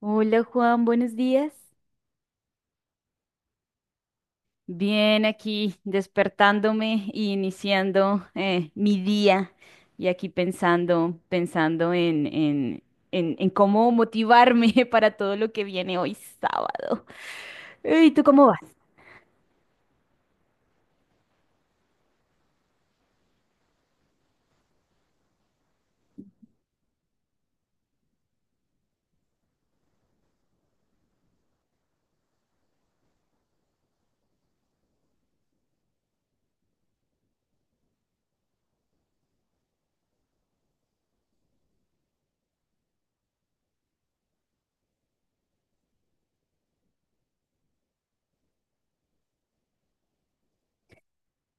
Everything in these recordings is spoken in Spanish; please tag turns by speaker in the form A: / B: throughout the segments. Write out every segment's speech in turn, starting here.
A: Hola Juan, buenos días. Bien, aquí despertándome y iniciando mi día y aquí pensando, pensando en cómo motivarme para todo lo que viene hoy sábado. ¿Y tú cómo vas?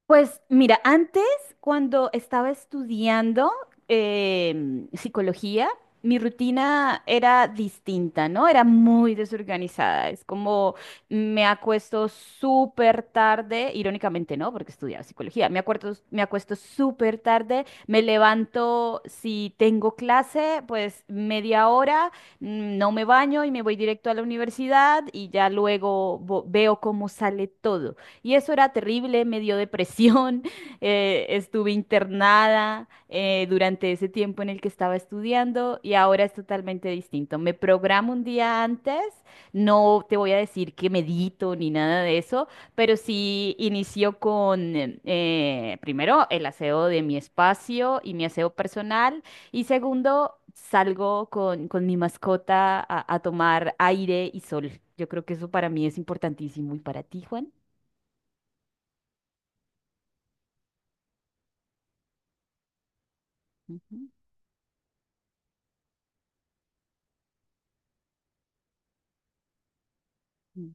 A: Pues mira, antes cuando estaba estudiando psicología, mi rutina era distinta, ¿no? Era muy desorganizada. Es como me acuesto súper tarde, irónicamente no, porque estudiaba psicología. Me acuerdo, me acuesto súper tarde, me levanto si tengo clase, pues media hora, no me baño y me voy directo a la universidad y ya luego veo cómo sale todo y eso era terrible, me dio depresión, estuve internada durante ese tiempo en el que estaba estudiando y ahora es totalmente distinto. Me programo un día antes, no te voy a decir que medito ni nada de eso, pero sí inicio con primero el aseo de mi espacio y mi aseo personal y segundo salgo con mi mascota a tomar aire y sol. Yo creo que eso para mí es importantísimo y para ti, Juan. Ujú, mm,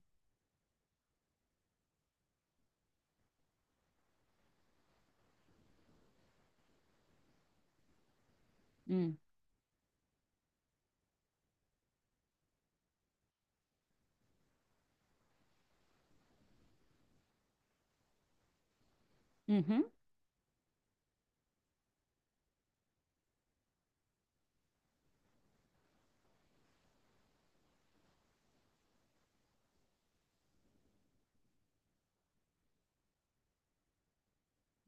A: mm, ujú,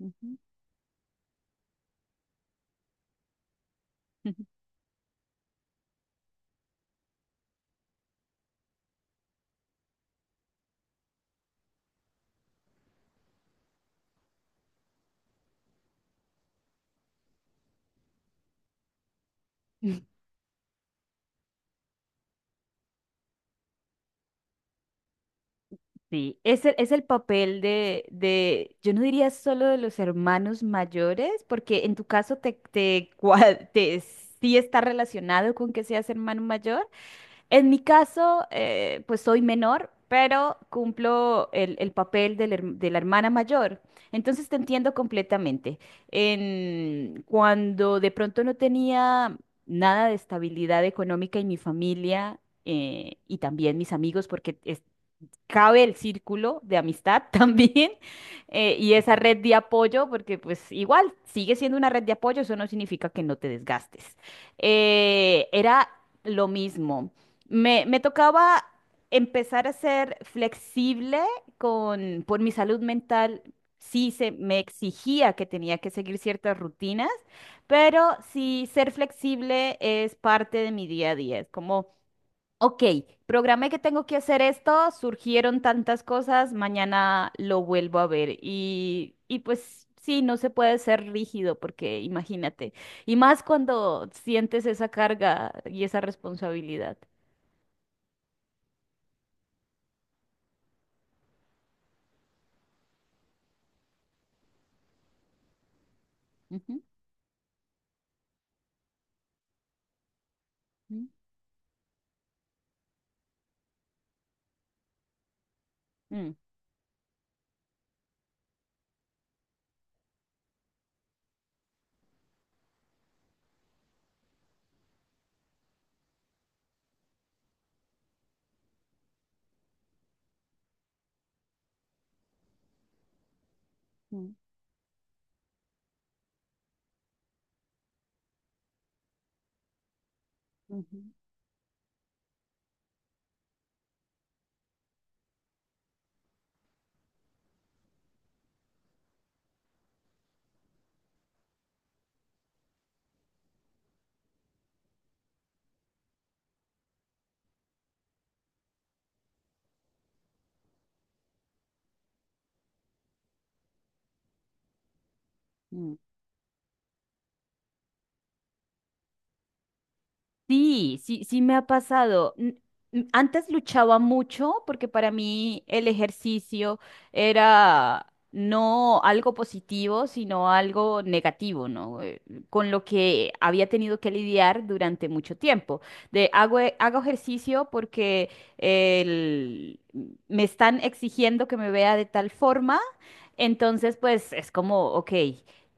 A: ujú, ujú. Sí, es es el papel yo no diría solo de los hermanos mayores, porque en tu caso sí está relacionado con que seas hermano mayor. En mi caso, pues soy menor, pero cumplo el papel de la hermana mayor. Entonces te entiendo completamente. En, cuando de pronto no tenía nada de estabilidad económica en mi familia, y también mis amigos, cabe el círculo de amistad también, y esa red de apoyo, porque pues igual sigue siendo una red de apoyo, eso no significa que no te desgastes. Era lo mismo. Me tocaba empezar a ser flexible, por mi salud mental. Sí, se me exigía que tenía que seguir ciertas rutinas, pero sí, ser flexible es parte de mi día a día. Es como, ok, programé que tengo que hacer esto, surgieron tantas cosas, mañana lo vuelvo a ver. Y pues sí, no se puede ser rígido porque imagínate, y más cuando sientes esa carga y esa responsabilidad. Ujú, ujú, mm, mm, ujú, mm. Sí, sí, sí me ha pasado. Antes luchaba mucho porque para mí el ejercicio era no algo positivo, sino algo negativo, ¿no? Con lo que había tenido que lidiar durante mucho tiempo. Hago ejercicio porque el- me están exigiendo que me vea de tal forma, entonces pues es como, ok,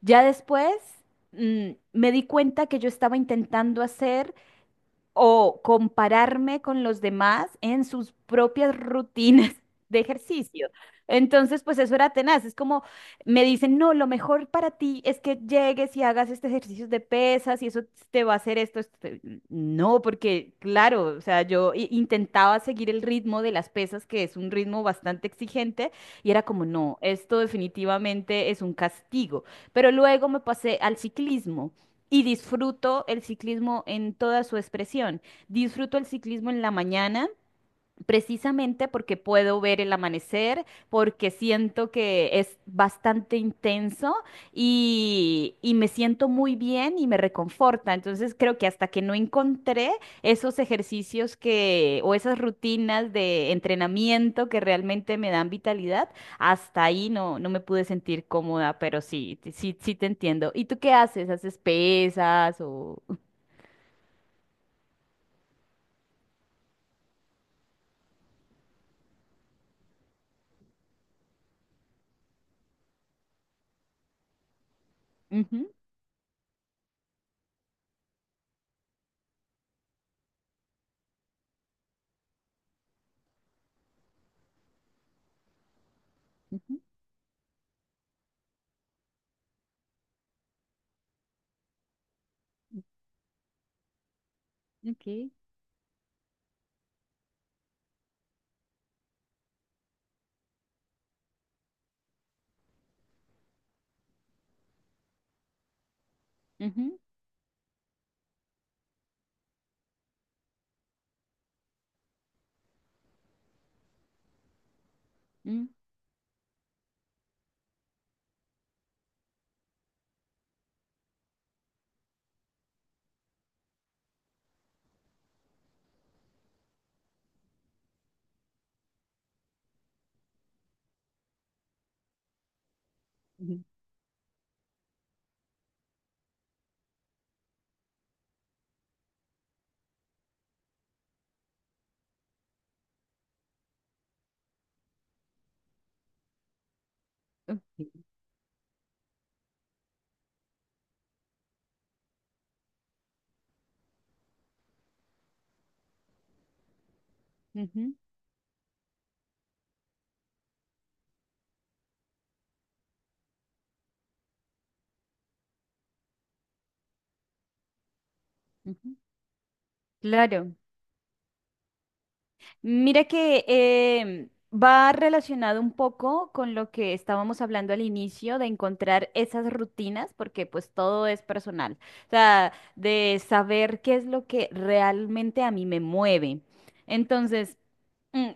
A: ya después, me di cuenta que yo estaba intentando hacer o compararme con los demás en sus propias rutinas de ejercicio. Entonces, pues eso era tenaz. Es como, me dicen, no, lo mejor para ti es que llegues y hagas este ejercicio de pesas y eso te va a hacer esto. Esto te-. No, porque claro, o sea, yo intentaba seguir el ritmo de las pesas, que es un ritmo bastante exigente, y era como, no, esto definitivamente es un castigo. Pero luego me pasé al ciclismo y disfruto el ciclismo en toda su expresión. Disfruto el ciclismo en la mañana precisamente porque puedo ver el amanecer, porque siento que es bastante intenso y me siento muy bien y me reconforta. Entonces creo que hasta que no encontré esos ejercicios que o esas rutinas de entrenamiento que realmente me dan vitalidad, hasta ahí no, no me pude sentir cómoda, pero sí, sí, sí te entiendo. ¿Y tú qué haces? ¿Haces pesas o...? Ujú, ujú, ok, ujú, mm, ujú, ok, ujú. Ujú, claro. Mira que va relacionado un poco con lo que estábamos hablando al inicio de encontrar esas rutinas, porque pues todo es personal. O sea, de saber qué es lo que realmente a mí me mueve. Entonces, mm,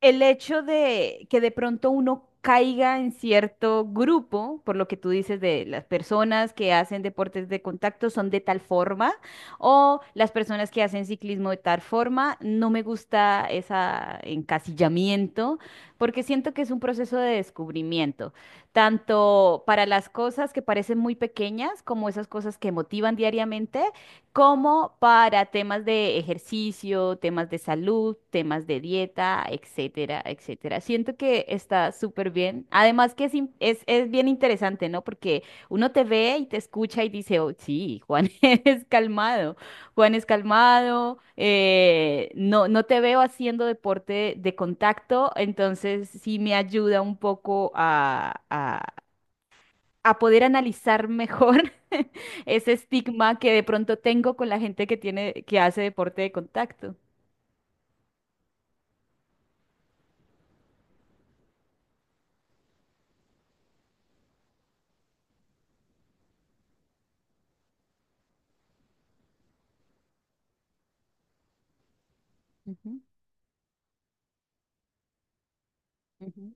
A: el hecho de que de pronto uno caiga en cierto grupo, por lo que tú dices de las personas que hacen deportes de contacto son de tal forma, o las personas que hacen ciclismo de tal forma, no me gusta ese encasillamiento, porque siento que es un proceso de descubrimiento, tanto para las cosas que parecen muy pequeñas como esas cosas que motivan diariamente como para temas de ejercicio, temas de salud, temas de dieta, etcétera, etcétera. Siento que está súper bien. Además que es, es bien interesante, ¿no? Porque uno te ve y te escucha y dice, oh, sí, Juan es calmado, Juan es calmado, no, no te veo haciendo deporte de contacto, entonces sí me ayuda un poco a poder analizar mejor ese estigma que de pronto tengo con la gente que hace deporte de contacto. Ujú, ujú,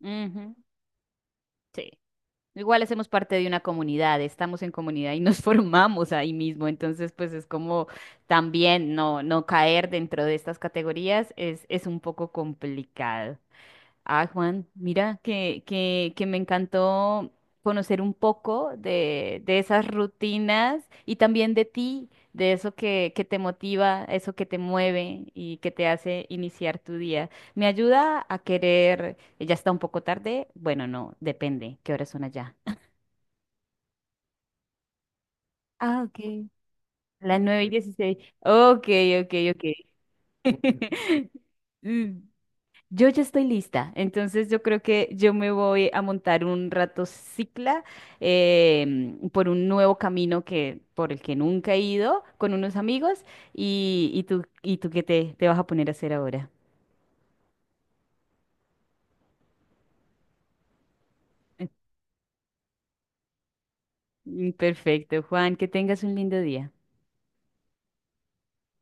A: ujú, sí. Igual hacemos parte de una comunidad, estamos en comunidad y nos formamos ahí mismo. Entonces, pues es como también no, no caer dentro de estas categorías es un poco complicado. Ah, Juan, mira que me encantó conocer un poco de esas rutinas y también de ti, de eso que te motiva, eso que te mueve y que te hace iniciar tu día. Me ayuda a querer, ya está un poco tarde, bueno, no, depende, ¿qué horas son allá? Ah, ok. Las 9:16. Ok, ok, ok. Mm. Yo ya estoy lista, entonces yo creo que yo me voy a montar un rato cicla, por un nuevo camino que por el que nunca he ido con unos amigos. Y tú qué te vas a poner a hacer ahora. Perfecto, Juan, que tengas un lindo día.